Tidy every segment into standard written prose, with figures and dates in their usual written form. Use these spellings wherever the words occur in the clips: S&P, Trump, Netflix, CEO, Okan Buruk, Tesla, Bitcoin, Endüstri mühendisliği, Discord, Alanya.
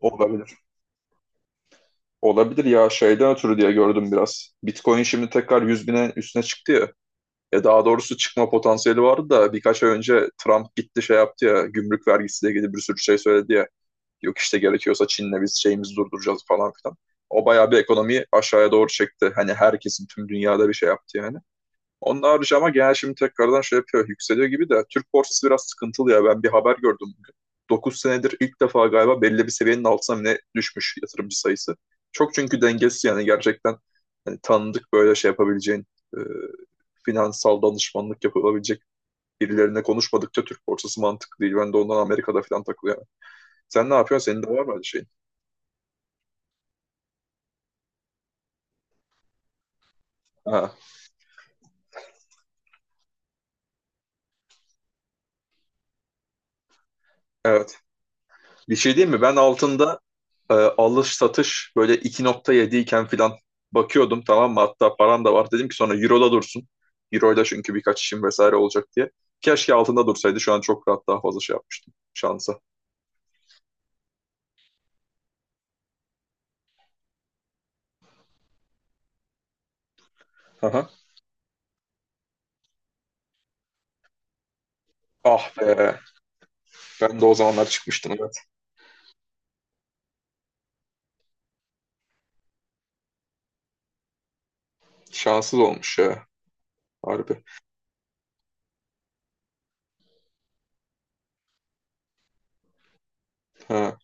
Olabilir. Olabilir ya şeyden ötürü diye gördüm biraz. Bitcoin şimdi tekrar 100.000'e üstüne çıktı ya. Ya daha doğrusu çıkma potansiyeli vardı da birkaç ay önce Trump gitti şey yaptı ya, gümrük vergisiyle ilgili bir sürü şey söyledi ya. Yok işte gerekiyorsa Çin'le biz şeyimizi durduracağız falan filan. O bayağı bir ekonomiyi aşağıya doğru çekti. Hani herkesin tüm dünyada bir şey yaptı yani. Onun harici ama genel şimdi tekrardan şey yapıyor. Yükseliyor gibi de Türk borsası biraz sıkıntılı ya. Ben bir haber gördüm bugün. Dokuz senedir ilk defa galiba belli bir seviyenin altına mı ne düşmüş yatırımcı sayısı. Çok çünkü dengesiz yani, gerçekten hani tanıdık böyle şey yapabileceğin, e, finansal danışmanlık yapılabilecek birilerine konuşmadıkça Türk borsası mantıklı değil. Ben de ondan Amerika'da falan takılıyorum. Sen ne yapıyorsun? Senin de var mı öyle şeyin? Ha, evet. Bir şey diyeyim mi? Ben altında alış satış böyle 2,7 iken filan bakıyordum, tamam mı? Hatta param da var. Dedim ki sonra Euro'da dursun. Euro'da çünkü birkaç işim vesaire olacak diye. Keşke altında dursaydı. Şu an çok rahat daha fazla şey yapmıştım şansa. Aha. Ah be. Ben de o zamanlar çıkmıştım, evet. Şanssız olmuş ya. Harbi. Ha.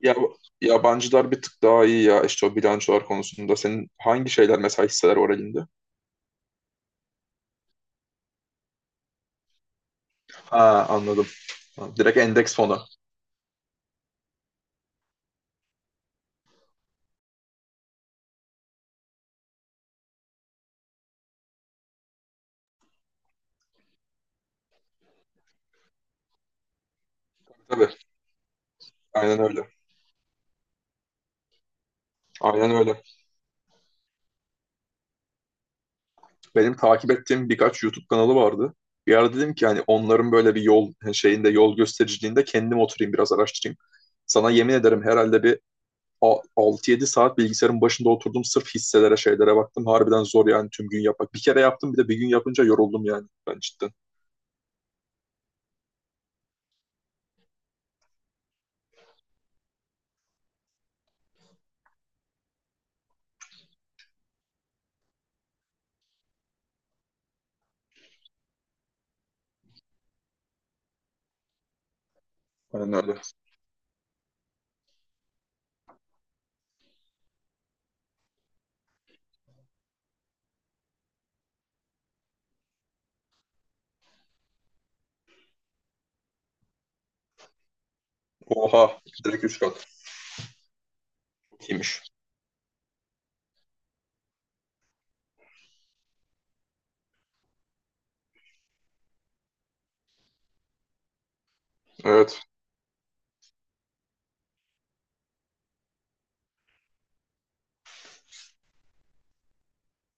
Ya, yabancılar bir tık daha iyi ya işte o bilançolar konusunda. Senin hangi şeyler mesela, hisseler oralinde? Ha, anladım. Ha, direkt endeks fonu. Tabii. Aynen öyle. Aynen öyle. Benim takip ettiğim birkaç YouTube kanalı vardı. Bir ara dedim ki hani onların böyle bir yol hani, şeyinde yol göstericiliğinde kendim oturayım biraz araştırayım. Sana yemin ederim herhalde bir 6-7 saat bilgisayarın başında oturdum sırf hisselere şeylere baktım. Harbiden zor yani tüm gün yapmak. Bir kere yaptım, bir de bir gün yapınca yoruldum yani ben cidden. Aynen öyle. Oha, direkt 3 kat. Çok İyiymiş. Evet.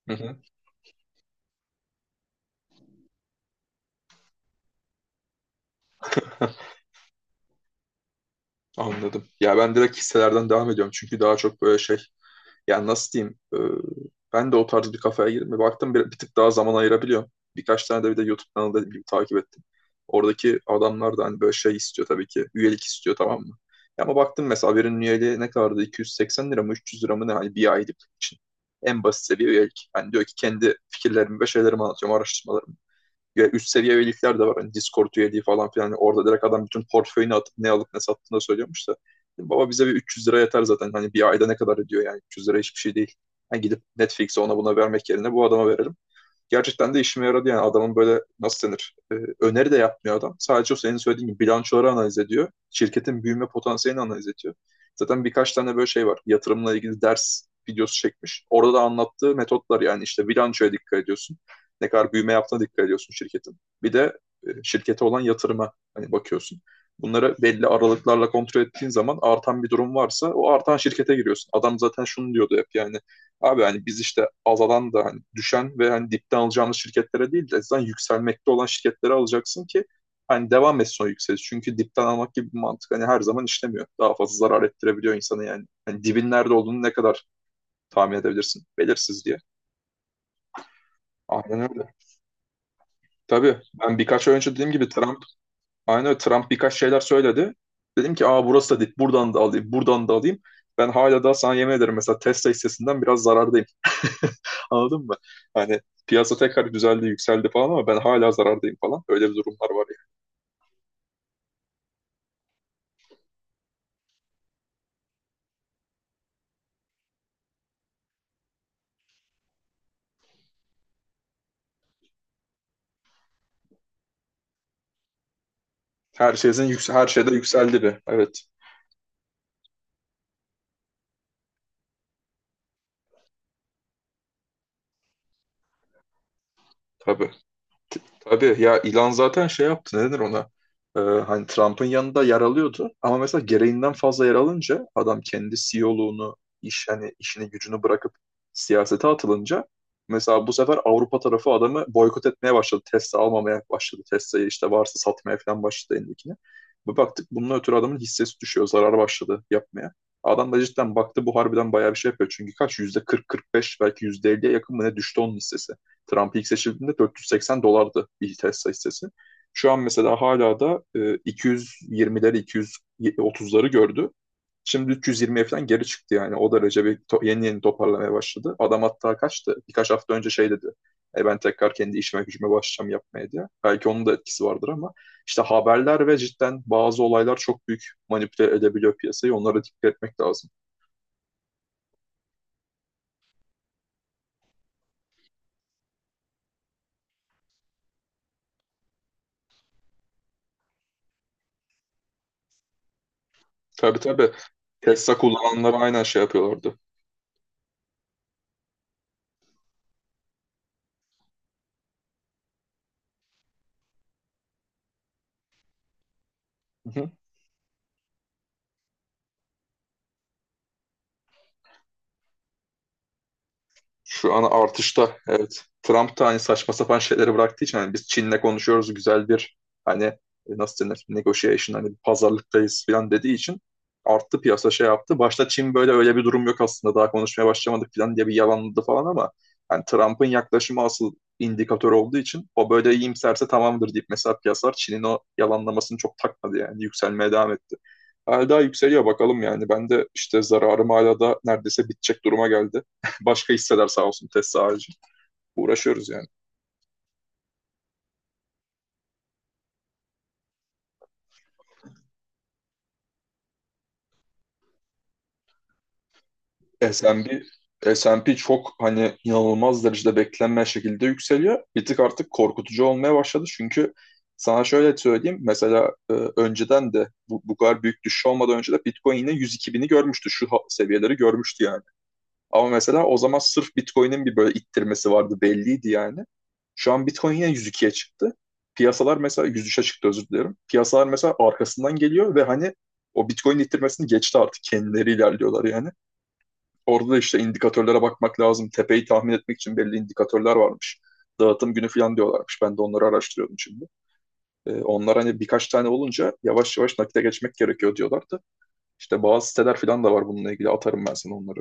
Hı hı. Anladım. Ya ben direkt hisselerden devam ediyorum çünkü daha çok böyle şey. Yani nasıl diyeyim? Ben de o tarz bir kafaya girdim. Ve baktım bir tık daha zaman ayırabiliyorum. Birkaç tane de bir de YouTube kanalı da takip ettim. Oradaki adamlar da hani böyle şey istiyor tabii ki. Üyelik istiyor, tamam mı? Ya, ama baktım mesela, birinin üyeliği ne kadardı? 280 lira mı 300 lira mı ne? Hani bir aylık için. En basit seviye üyelik. Yani diyor ki kendi fikirlerimi ve şeylerimi anlatıyorum, araştırmalarımı; üst seviye üyelikler de var. Hani Discord üyeliği falan filan. Yani orada direkt adam bütün portföyünü atıp ne alıp ne sattığını da söylüyormuş da. Baba, bize bir 300 lira yeter zaten. Hani bir ayda ne kadar ediyor yani, 300 lira hiçbir şey değil. Yani gidip Netflix'e ona buna vermek yerine bu adama verelim. Gerçekten de işime yaradı yani, adamın böyle nasıl denir, öneri de yapmıyor adam. Sadece o senin söylediğin gibi bilançoları analiz ediyor. Şirketin büyüme potansiyelini analiz ediyor. Zaten birkaç tane böyle şey var. Yatırımla ilgili ders videosu çekmiş. Orada da anlattığı metotlar yani işte, bilançoya dikkat ediyorsun. Ne kadar büyüme yaptığına dikkat ediyorsun şirketin. Bir de şirkete olan yatırıma hani bakıyorsun. Bunları belli aralıklarla kontrol ettiğin zaman artan bir durum varsa o artan şirkete giriyorsun. Adam zaten şunu diyordu hep yani, abi hani biz işte azalan da hani düşen ve hani dipten alacağımız şirketlere değil de zaten yükselmekte olan şirketlere alacaksın ki hani devam etsin o yükseliş. Çünkü dipten almak gibi bir mantık hani her zaman işlemiyor. Daha fazla zarar ettirebiliyor insanı yani. Hani dibin nerede olduğunu ne kadar tahmin edebilirsin? Belirsiz diye. Aynen öyle. Tabii ben birkaç ay önce dediğim gibi. Aynen öyle. Trump birkaç şeyler söyledi. Dedim ki, aa burası da dip, buradan da alayım, buradan da alayım. Ben hala daha sana yemin ederim mesela Tesla hissesinden biraz zarardayım. Anladın mı? Hani piyasa tekrar düzeldi yükseldi falan ama ben hala zarardayım falan. Öyle bir durumlar var yani. Her şeyde yükseldi bir. Evet, tabii. Tabii ya, ilan zaten şey yaptı, ne denir ona, hani Trump'ın yanında yer alıyordu ama mesela gereğinden fazla yer alınca adam kendi CEO'luğunu, iş hani işini gücünü bırakıp siyasete atılınca mesela bu sefer Avrupa tarafı adamı boykot etmeye başladı, Tesla almamaya başladı, Tesla'yı işte varsa satmaya falan başladı elindekini. Bir baktık bunun ötürü adamın hissesi düşüyor, zarar başladı yapmaya. Adam da cidden baktı bu harbiden bayağı bir şey yapıyor çünkü kaç yüzde 40-45, belki yüzde 50'ye yakın mı ne düştü onun hissesi. Trump ilk seçildiğinde 480 dolardı bir Tesla hissesi. Şu an mesela hala da 220'leri 230'ları gördü. Şimdi 320'ye falan geri çıktı yani. O derece bir yeni yeni toparlamaya başladı. Adam hatta kaçtı. Birkaç hafta önce şey dedi. E, ben tekrar kendi işime gücüme başlayacağım yapmaya diye. Belki onun da etkisi vardır ama işte haberler ve cidden bazı olaylar çok büyük manipüle edebiliyor piyasayı. Onlara dikkat etmek lazım. Tabii, tabii. Tesla kullananlar aynen şey yapıyorlardı. Hı hı. Şu an artışta, evet. Trump da hani saçma sapan şeyleri bıraktığı için, hani biz Çin'le konuşuyoruz güzel bir hani nasıl denir negotiation, hani bir pazarlıktayız falan dediği için arttı piyasa, şey yaptı. Başta Çin böyle öyle bir durum yok aslında, daha konuşmaya başlamadık falan diye bir yalanladı falan ama hani Trump'ın yaklaşımı asıl indikatör olduğu için o böyle iyimserse tamamdır deyip mesela piyasalar Çin'in o yalanlamasını çok takmadı yani, yükselmeye devam etti. Hala daha yükseliyor bakalım yani. Ben de işte zararım hala da neredeyse bitecek duruma geldi. Başka hisseler sağ olsun, Tesla harici. Uğraşıyoruz yani. S&P S&P çok hani inanılmaz derecede beklenmeyen şekilde yükseliyor. Bir tık artık korkutucu olmaya başladı çünkü sana şöyle söyleyeyim. Mesela önceden de bu kadar büyük düşüş olmadan önce de Bitcoin yine 102 bini görmüştü. Şu seviyeleri görmüştü yani. Ama mesela o zaman sırf Bitcoin'in bir böyle ittirmesi vardı, belliydi yani. Şu an Bitcoin yine 102'ye çıktı. Piyasalar mesela 103'e çıktı, özür dilerim. Piyasalar mesela arkasından geliyor ve hani o Bitcoin ittirmesini geçti artık. Kendileri ilerliyorlar yani. Orada da işte indikatörlere bakmak lazım. Tepeyi tahmin etmek için belli indikatörler varmış. Dağıtım günü falan diyorlarmış. Ben de onları araştırıyordum şimdi. Onlar hani birkaç tane olunca yavaş yavaş nakite geçmek gerekiyor diyorlardı. İşte bazı siteler falan da var bununla ilgili. Atarım ben sana onları.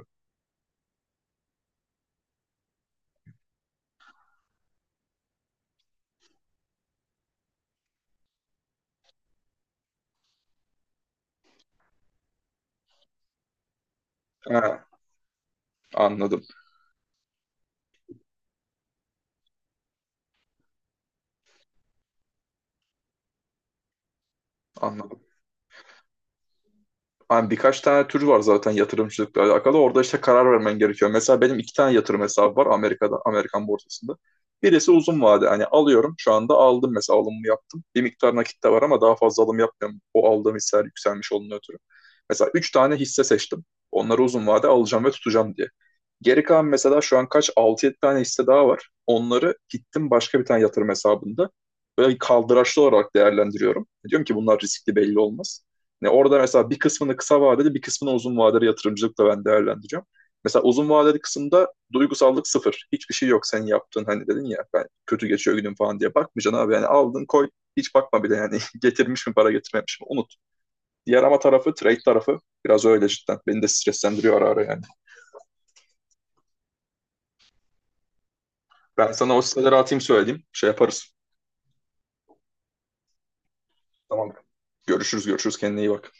Ha, anladım. Anladım. Hani birkaç tane tür var zaten yatırımcılıkla alakalı. Orada işte karar vermen gerekiyor. Mesela benim iki tane yatırım hesabı var Amerika'da, Amerikan borsasında. Birisi uzun vade. Hani alıyorum. Şu anda aldım mesela, alımımı yaptım. Bir miktar nakit de var ama daha fazla alım yapmıyorum. O aldığım hisseler yükselmiş olduğunu ötürü. Mesela üç tane hisse seçtim. Onları uzun vade alacağım ve tutacağım diye. Geri kalan mesela şu an kaç altı yedi tane hisse daha var. Onları gittim başka bir tane yatırım hesabında böyle kaldıraçlı olarak değerlendiriyorum. Diyorum ki bunlar riskli, belli olmaz. Ne orada mesela, bir kısmını kısa vadeli bir kısmını uzun vadeli yatırımcılıkla ben değerlendireceğim. Mesela uzun vadeli kısımda duygusallık sıfır. Hiçbir şey yok senin yaptığın, hani dedin ya ben kötü geçiyor günüm falan diye, bakmayacaksın abi. Yani aldın koy, hiç bakma bile yani. Getirmiş mi para getirmemiş mi, unut. Diğer ama tarafı, trade tarafı biraz öyle cidden. Beni de streslendiriyor ara ara yani. Ben sana o siteleri atayım, söyleyeyim. Şey yaparız. Tamam. Görüşürüz, görüşürüz. Kendine iyi bak.